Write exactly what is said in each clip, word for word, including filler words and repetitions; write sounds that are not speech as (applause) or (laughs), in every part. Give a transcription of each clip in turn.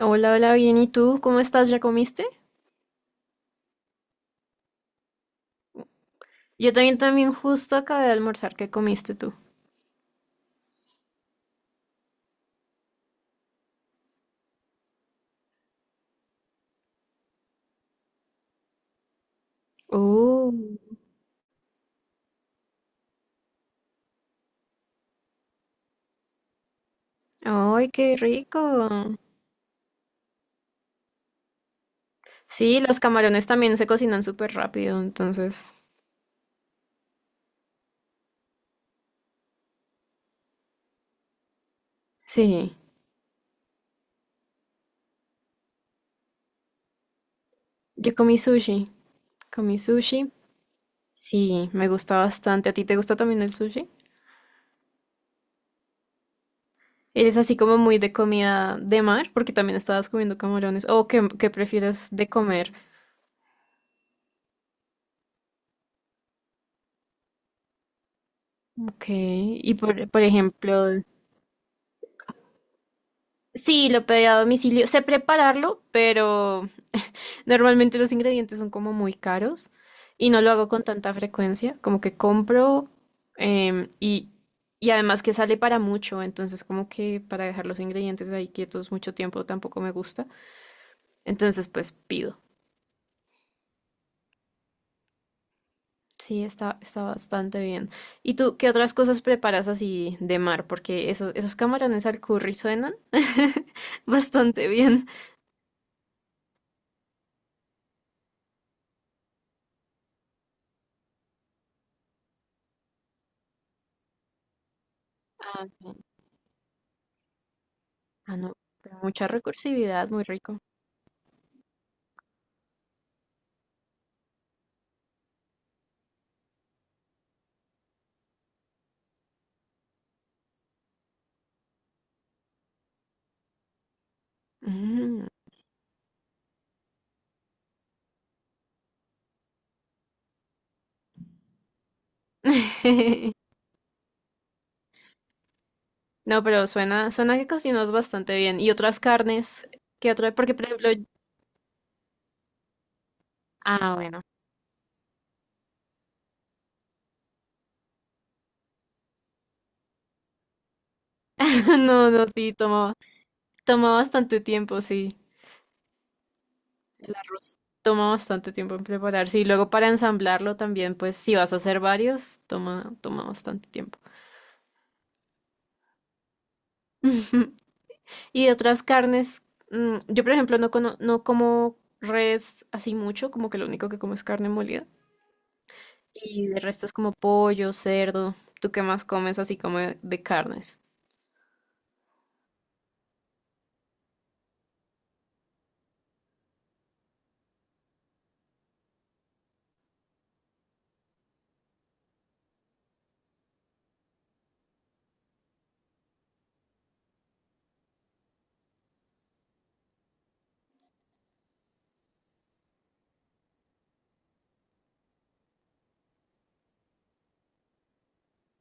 Hola, hola, bien. ¿Y tú? ¿Cómo estás? ¿Ya comiste? Yo también, también justo acabé de almorzar. ¿Qué comiste tú? Oh. ¡Ay, qué rico! Sí, los camarones también se cocinan súper rápido, entonces. Sí, yo comí sushi. Comí sushi. Sí, me gusta bastante. ¿A ti te gusta también el sushi? ¿Eres así como muy de comida de mar? Porque también estabas comiendo camarones. ¿O qué, qué prefieres de comer? Ok, y por, por ejemplo... Sí, lo pedí a domicilio. Sé prepararlo, pero normalmente los ingredientes son como muy caros y no lo hago con tanta frecuencia, como que compro em, y, y además que sale para mucho, entonces como que para dejar los ingredientes ahí quietos mucho tiempo tampoco me gusta. Entonces pues pido. Sí, está, está bastante bien. ¿Y tú qué otras cosas preparas así de mar? Porque esos, esos camarones al curry suenan (laughs) bastante bien. Ah, sí. Ah, no, pero mucha recursividad, muy rico. Mm. (laughs) No, pero suena, suena que cocinas bastante bien. ¿Y otras carnes? ¿Qué otra? Porque, por ejemplo, ah, bueno. (laughs) No, no, sí, toma, toma bastante tiempo, sí. El arroz toma bastante tiempo en prepararse. Y luego para ensamblarlo también, pues, si vas a hacer varios, toma, toma bastante tiempo. (laughs) Y de otras carnes, mm, yo, por ejemplo, no, cono- no como res así mucho, como que lo único que como es carne molida. Y de resto es como pollo, cerdo. ¿Tú qué más comes así como de de carnes?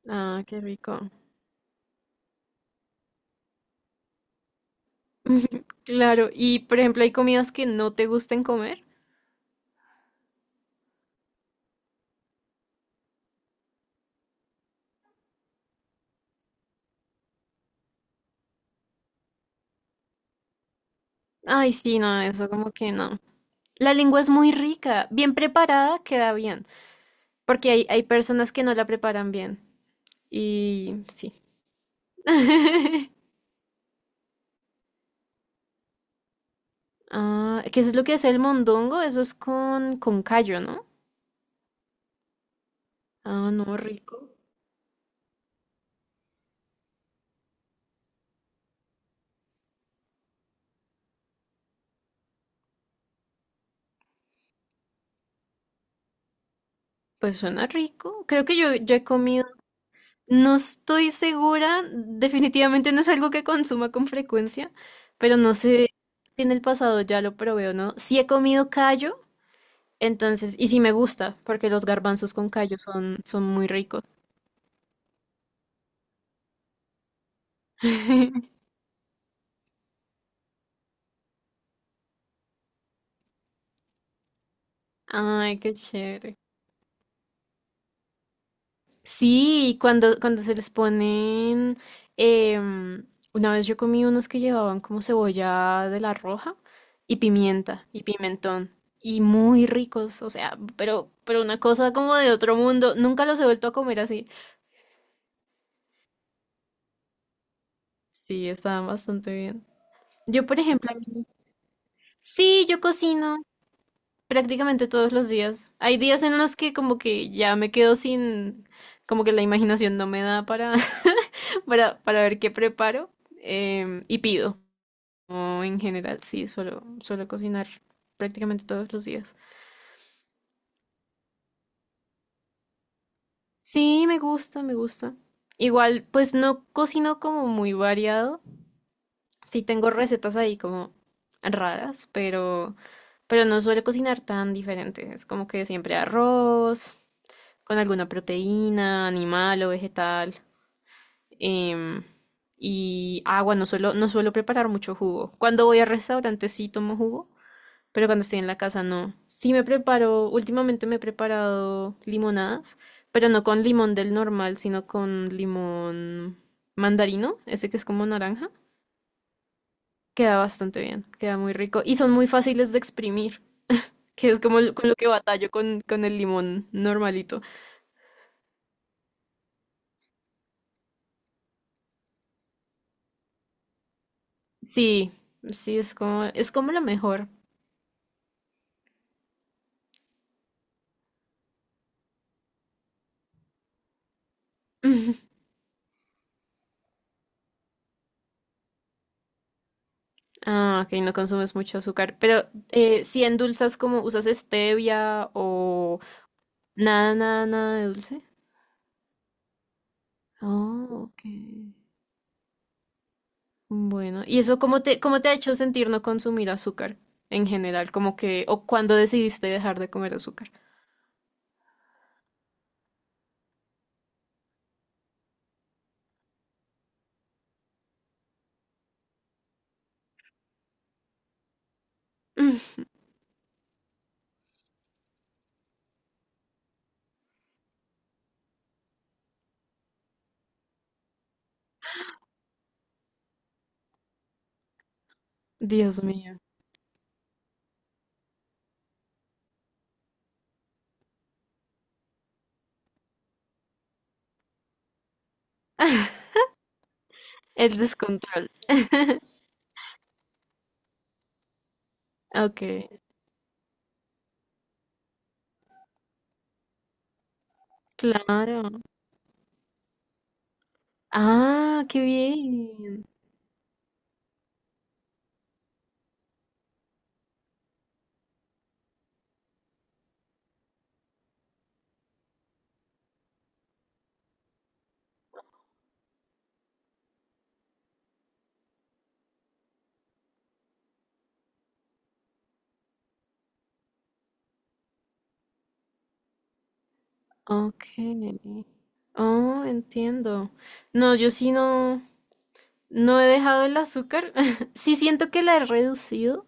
Ah, qué rico. (laughs) Claro, y por ejemplo, hay comidas que no te gusten comer. Ay, sí, no, eso como que no. La lengua es muy rica, bien preparada queda bien, porque hay, hay personas que no la preparan bien. Y sí. (laughs) Ah, ¿qué es lo que hace el mondongo? Eso es con, con callo, ¿no? Ah, no, rico. Pues suena rico. Creo que yo, yo he comido. No estoy segura, definitivamente no es algo que consuma con frecuencia, pero no sé si en el pasado ya lo probé o no. Sí he comido callo, entonces, y sí me gusta, porque los garbanzos con callo son, son muy ricos. (laughs) Ay, qué chévere. Sí, y cuando, cuando se les ponen, em, una vez yo comí unos que llevaban como cebolla de la roja y pimienta y pimentón y muy ricos, o sea, pero, pero una cosa como de otro mundo, nunca los he vuelto a comer así. Sí, estaban bastante bien. Yo, por ejemplo, a mí- sí, yo cocino, prácticamente todos los días. Hay días en los que como que ya me quedo sin, como que la imaginación no me da para, (laughs) para, para ver qué preparo em, y pido. O en general, sí, suelo, suelo cocinar prácticamente todos los días. Sí, me gusta, me gusta. Igual, pues no cocino como muy variado. Sí tengo recetas ahí como raras, pero, pero no suelo cocinar tan diferente. Es como que siempre arroz con alguna proteína, animal o vegetal. em, y agua, no suelo, no suelo preparar mucho jugo. Cuando voy a restaurantes sí tomo jugo, pero cuando estoy en la casa no. Sí me preparo, últimamente me he preparado limonadas, pero no con limón del normal, sino con limón mandarino, ese que es como naranja. Queda bastante bien, queda muy rico y son muy fáciles de exprimir, que es como lo- con lo que batallo con, con el limón normalito. Sí, sí, es como, es como lo mejor. (laughs) Ujú. Ah, ok, no consumes mucho azúcar. Pero eh, si endulzas como usas stevia o nada, nada, nada de dulce. Oh, ok. Bueno, ¿y eso cómo te, cómo te ha hecho sentir no consumir azúcar en general? Como que, o cuando decidiste dejar de comer azúcar. (laughs) Mm, Dios mío, el descontrol. (laughs) Ok, claro. Ah, qué bien. Ok. Oh, entiendo. No, yo sí no. No he dejado el azúcar. (laughs) Sí siento que la he reducido,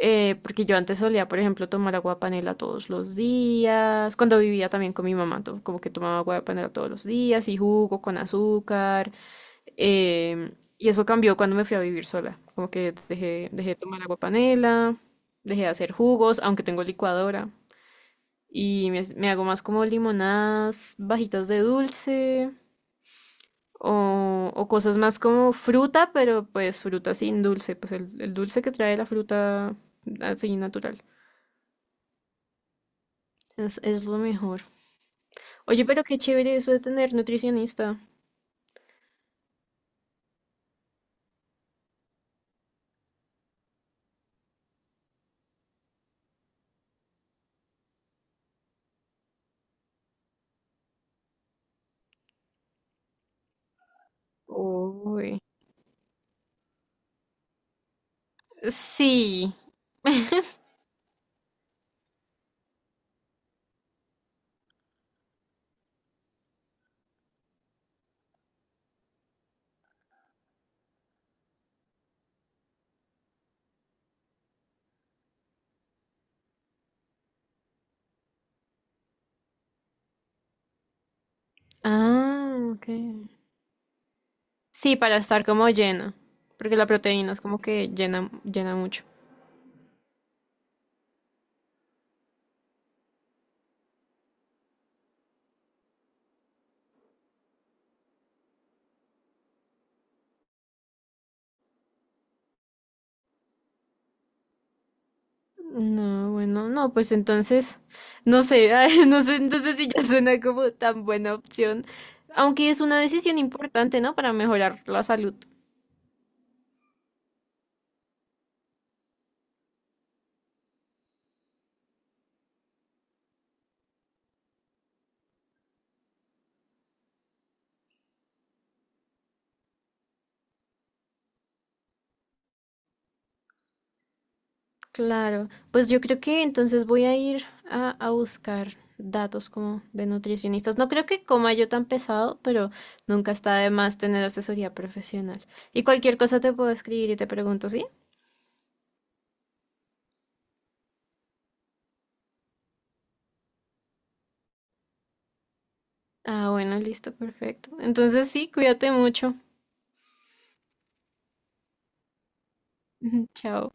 eh, porque yo antes solía, por ejemplo, tomar agua de panela todos los días. Cuando vivía también con mi mamá, to- como que tomaba agua de panela todos los días y jugo con azúcar. em, y eso cambió cuando me fui a vivir sola. Como que dejé, dejé de tomar agua de panela, dejé de hacer jugos, aunque tengo licuadora. Y me, me hago más como limonadas, bajitas de dulce o, o cosas más como fruta, pero pues fruta sin dulce, pues el, el dulce que trae la fruta así natural. Es, es lo mejor. Oye, pero qué chévere eso de tener nutricionista. Uy. Sí. Ah, ok. Sí, para estar como llena, porque la proteína es como que llena, llena mucho. No, bueno, no, pues entonces, no sé, (laughs) ay, no sé, entonces si ya suena como tan buena opción, aunque es una decisión importante, ¿no? Para mejorar la salud. Claro, pues yo creo que entonces voy a ir a, a buscar datos como de nutricionistas. No creo que coma yo tan pesado, pero nunca está de más tener asesoría profesional. Y cualquier cosa te puedo escribir y te pregunto, ¿sí? Ah, bueno, listo, perfecto. Entonces sí, cuídate mucho. (laughs) Chao.